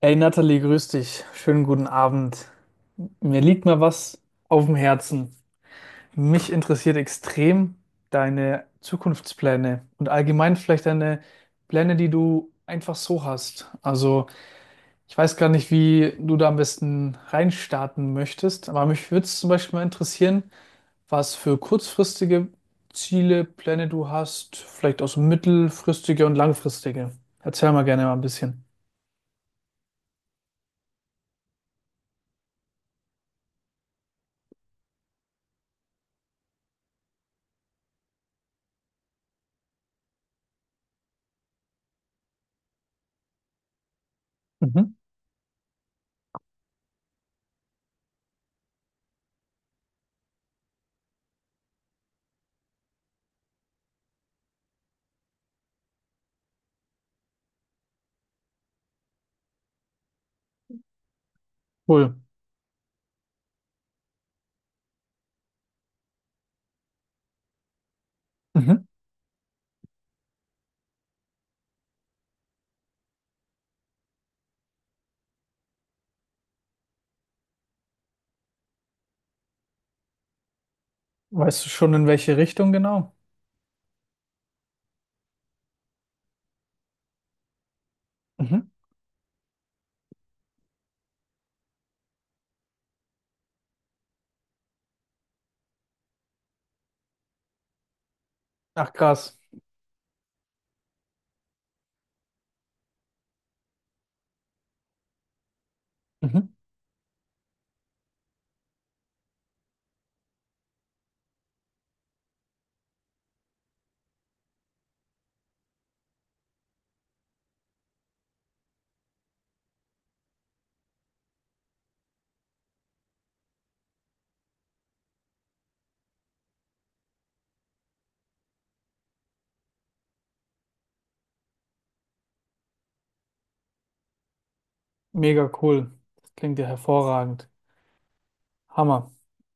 Hey Nathalie, grüß dich. Schönen guten Abend. Mir liegt mal was auf dem Herzen. Mich interessiert extrem deine Zukunftspläne und allgemein vielleicht deine Pläne, die du einfach so hast. Also ich weiß gar nicht, wie du da am besten reinstarten möchtest, aber mich würde es zum Beispiel mal interessieren, was für kurzfristige Ziele, Pläne du hast, vielleicht auch so mittelfristige und langfristige. Erzähl mal gerne mal ein bisschen. Mhm. Cool. Mhm. Weißt du schon, in welche Richtung genau? Mhm. Ach krass. Mhm. Mega cool. Das klingt ja hervorragend. Hammer.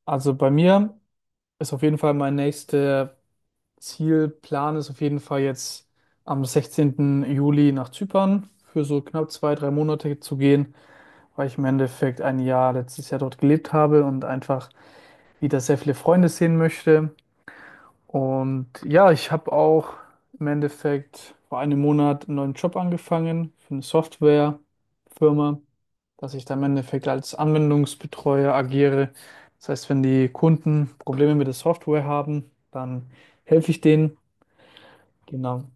Also bei mir ist auf jeden Fall mein nächster Zielplan ist auf jeden Fall jetzt am 16. Juli nach Zypern für so knapp zwei, drei Monate zu gehen, weil ich im Endeffekt ein Jahr letztes Jahr dort gelebt habe und einfach wieder sehr viele Freunde sehen möchte. Und ja, ich habe auch im Endeffekt vor einem Monat einen neuen Job angefangen für eine Softwarefirma, dass ich da im Endeffekt als Anwendungsbetreuer agiere. Das heißt, wenn die Kunden Probleme mit der Software haben, dann helfe ich denen. Genau.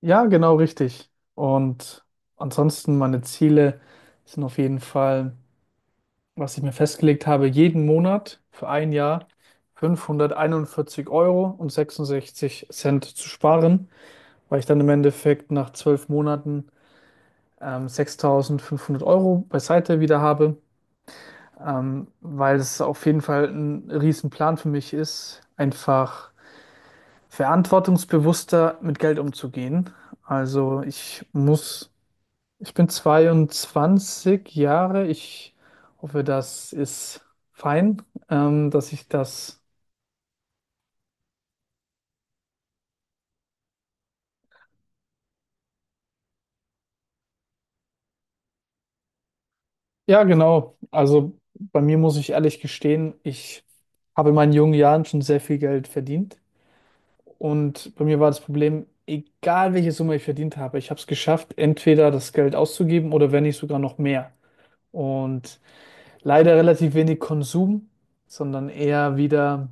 Ja, genau richtig. Und ansonsten meine Ziele sind auf jeden Fall, was ich mir festgelegt habe, jeden Monat für ein Jahr 541 Euro und 66 Cent zu sparen, weil ich dann im Endeffekt nach 12 Monaten 6.500 Euro beiseite wieder habe, weil es auf jeden Fall ein Riesenplan für mich ist, einfach verantwortungsbewusster mit Geld umzugehen. Also ich muss Ich bin 22 Jahre. Ich hoffe, das ist fein, dass ich das. Ja, genau. Also bei mir muss ich ehrlich gestehen, ich habe in meinen jungen Jahren schon sehr viel Geld verdient. Und bei mir war das Problem, egal welche Summe ich verdient habe, ich habe es geschafft, entweder das Geld auszugeben oder wenn nicht sogar noch mehr. Und leider relativ wenig Konsum, sondern eher wieder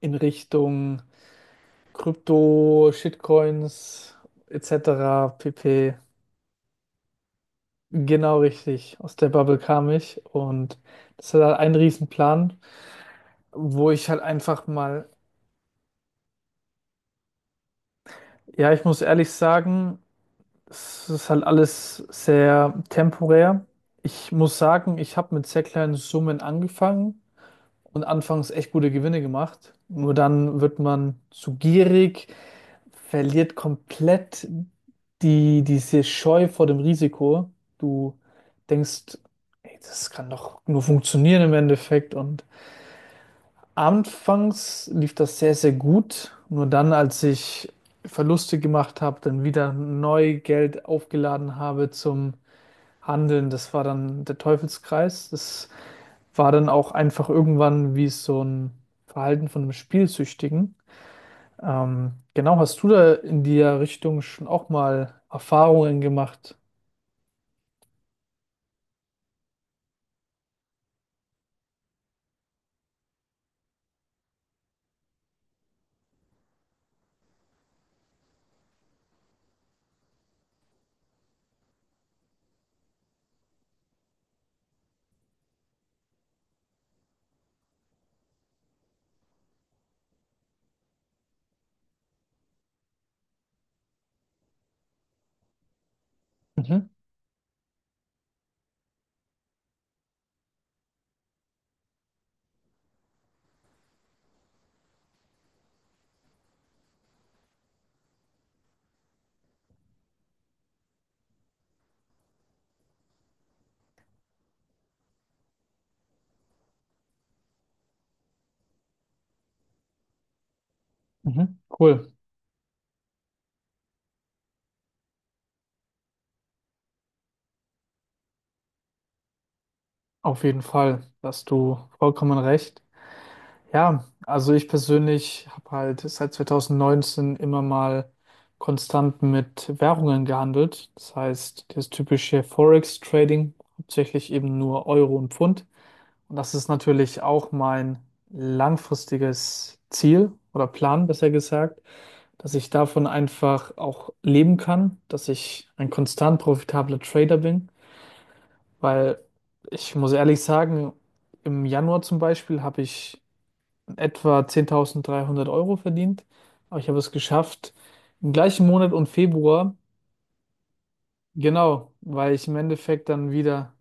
in Richtung. Krypto, Shitcoins etc. pp. Genau richtig. Aus der Bubble kam ich und das war halt ein Riesenplan, wo ich halt einfach mal, ja, ich muss ehrlich sagen, es ist halt alles sehr temporär. Ich muss sagen, ich habe mit sehr kleinen Summen angefangen und anfangs echt gute Gewinne gemacht. Nur dann wird man zu gierig, verliert komplett diese Scheu vor dem Risiko. Du denkst, ey, das kann doch nur funktionieren im Endeffekt. Und anfangs lief das sehr, sehr gut. Nur dann, als ich Verluste gemacht habe, dann wieder neu Geld aufgeladen habe zum Handeln, das war dann der Teufelskreis. Das war dann auch einfach irgendwann wie so ein Verhalten von einem Spielsüchtigen. Genau, hast du da in der Richtung schon auch mal Erfahrungen gemacht? Mhm, mhm, cool. Auf jeden Fall, da hast du vollkommen recht. Ja, also ich persönlich habe halt seit 2019 immer mal konstant mit Währungen gehandelt. Das heißt, das typische Forex-Trading, hauptsächlich eben nur Euro und Pfund. Und das ist natürlich auch mein langfristiges Ziel oder Plan, besser gesagt, dass ich davon einfach auch leben kann, dass ich ein konstant profitabler Trader bin, weil ich muss ehrlich sagen, im Januar zum Beispiel habe ich etwa 10.300 Euro verdient, aber ich habe es geschafft, im gleichen Monat und Februar, genau, weil ich im Endeffekt dann wieder,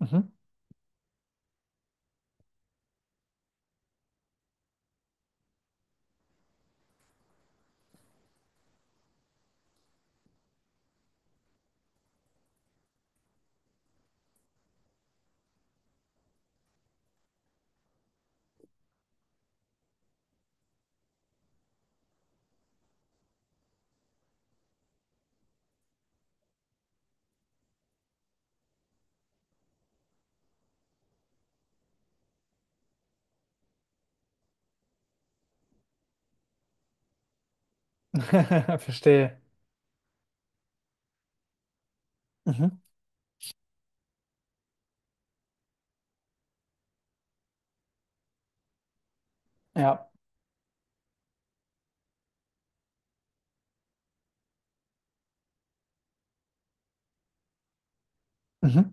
mhm. Verstehe. Mhm. Ja, mhm.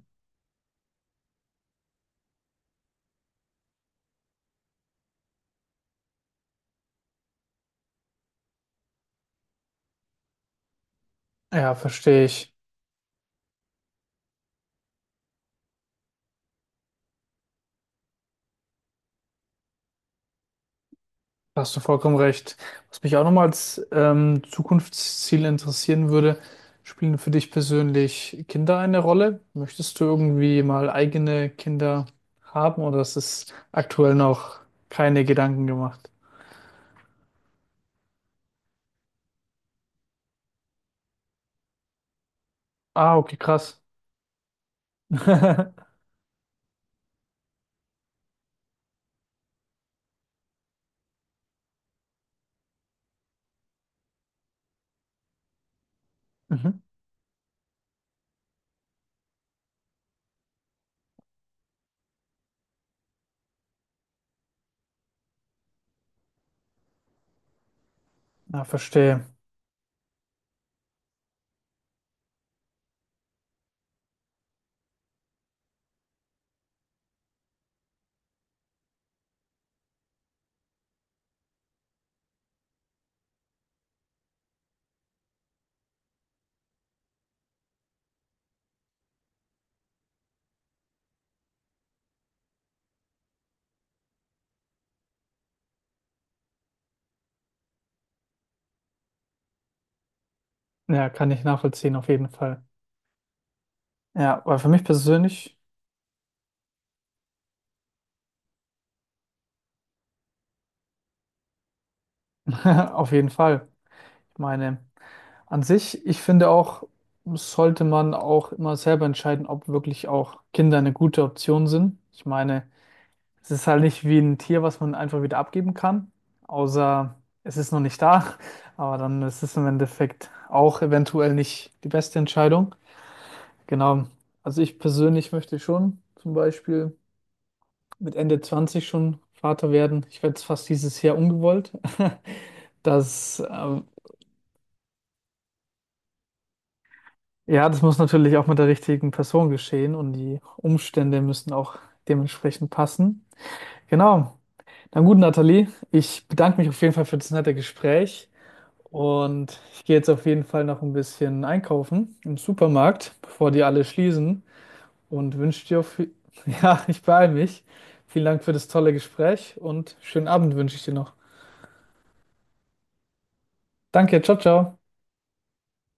Ja, verstehe ich. Da hast du vollkommen recht. Was mich auch nochmal als Zukunftsziel interessieren würde, spielen für dich persönlich Kinder eine Rolle? Möchtest du irgendwie mal eigene Kinder haben oder ist es aktuell noch keine Gedanken gemacht? Ah, okay, krass. Mhm. Ja, verstehe. Ja, kann ich nachvollziehen, auf jeden Fall. Ja, weil für mich persönlich, auf jeden Fall. Ich meine, an sich, ich finde auch, sollte man auch immer selber entscheiden, ob wirklich auch Kinder eine gute Option sind. Ich meine, es ist halt nicht wie ein Tier, was man einfach wieder abgeben kann, außer es ist noch nicht da. Aber dann ist es im Endeffekt auch eventuell nicht die beste Entscheidung. Genau. Also ich persönlich möchte schon zum Beispiel mit Ende 20 schon Vater werden. Ich werde es fast dieses Jahr ungewollt. Das Ja, das muss natürlich auch mit der richtigen Person geschehen und die Umstände müssen auch dementsprechend passen. Genau. Na gut, Nathalie, ich bedanke mich auf jeden Fall für das nette Gespräch und ich gehe jetzt auf jeden Fall noch ein bisschen einkaufen im Supermarkt, bevor die alle schließen und wünsche dir, auf... ja, ich beeile mich. Vielen Dank für das tolle Gespräch und schönen Abend wünsche ich dir noch. Danke, ciao, ciao.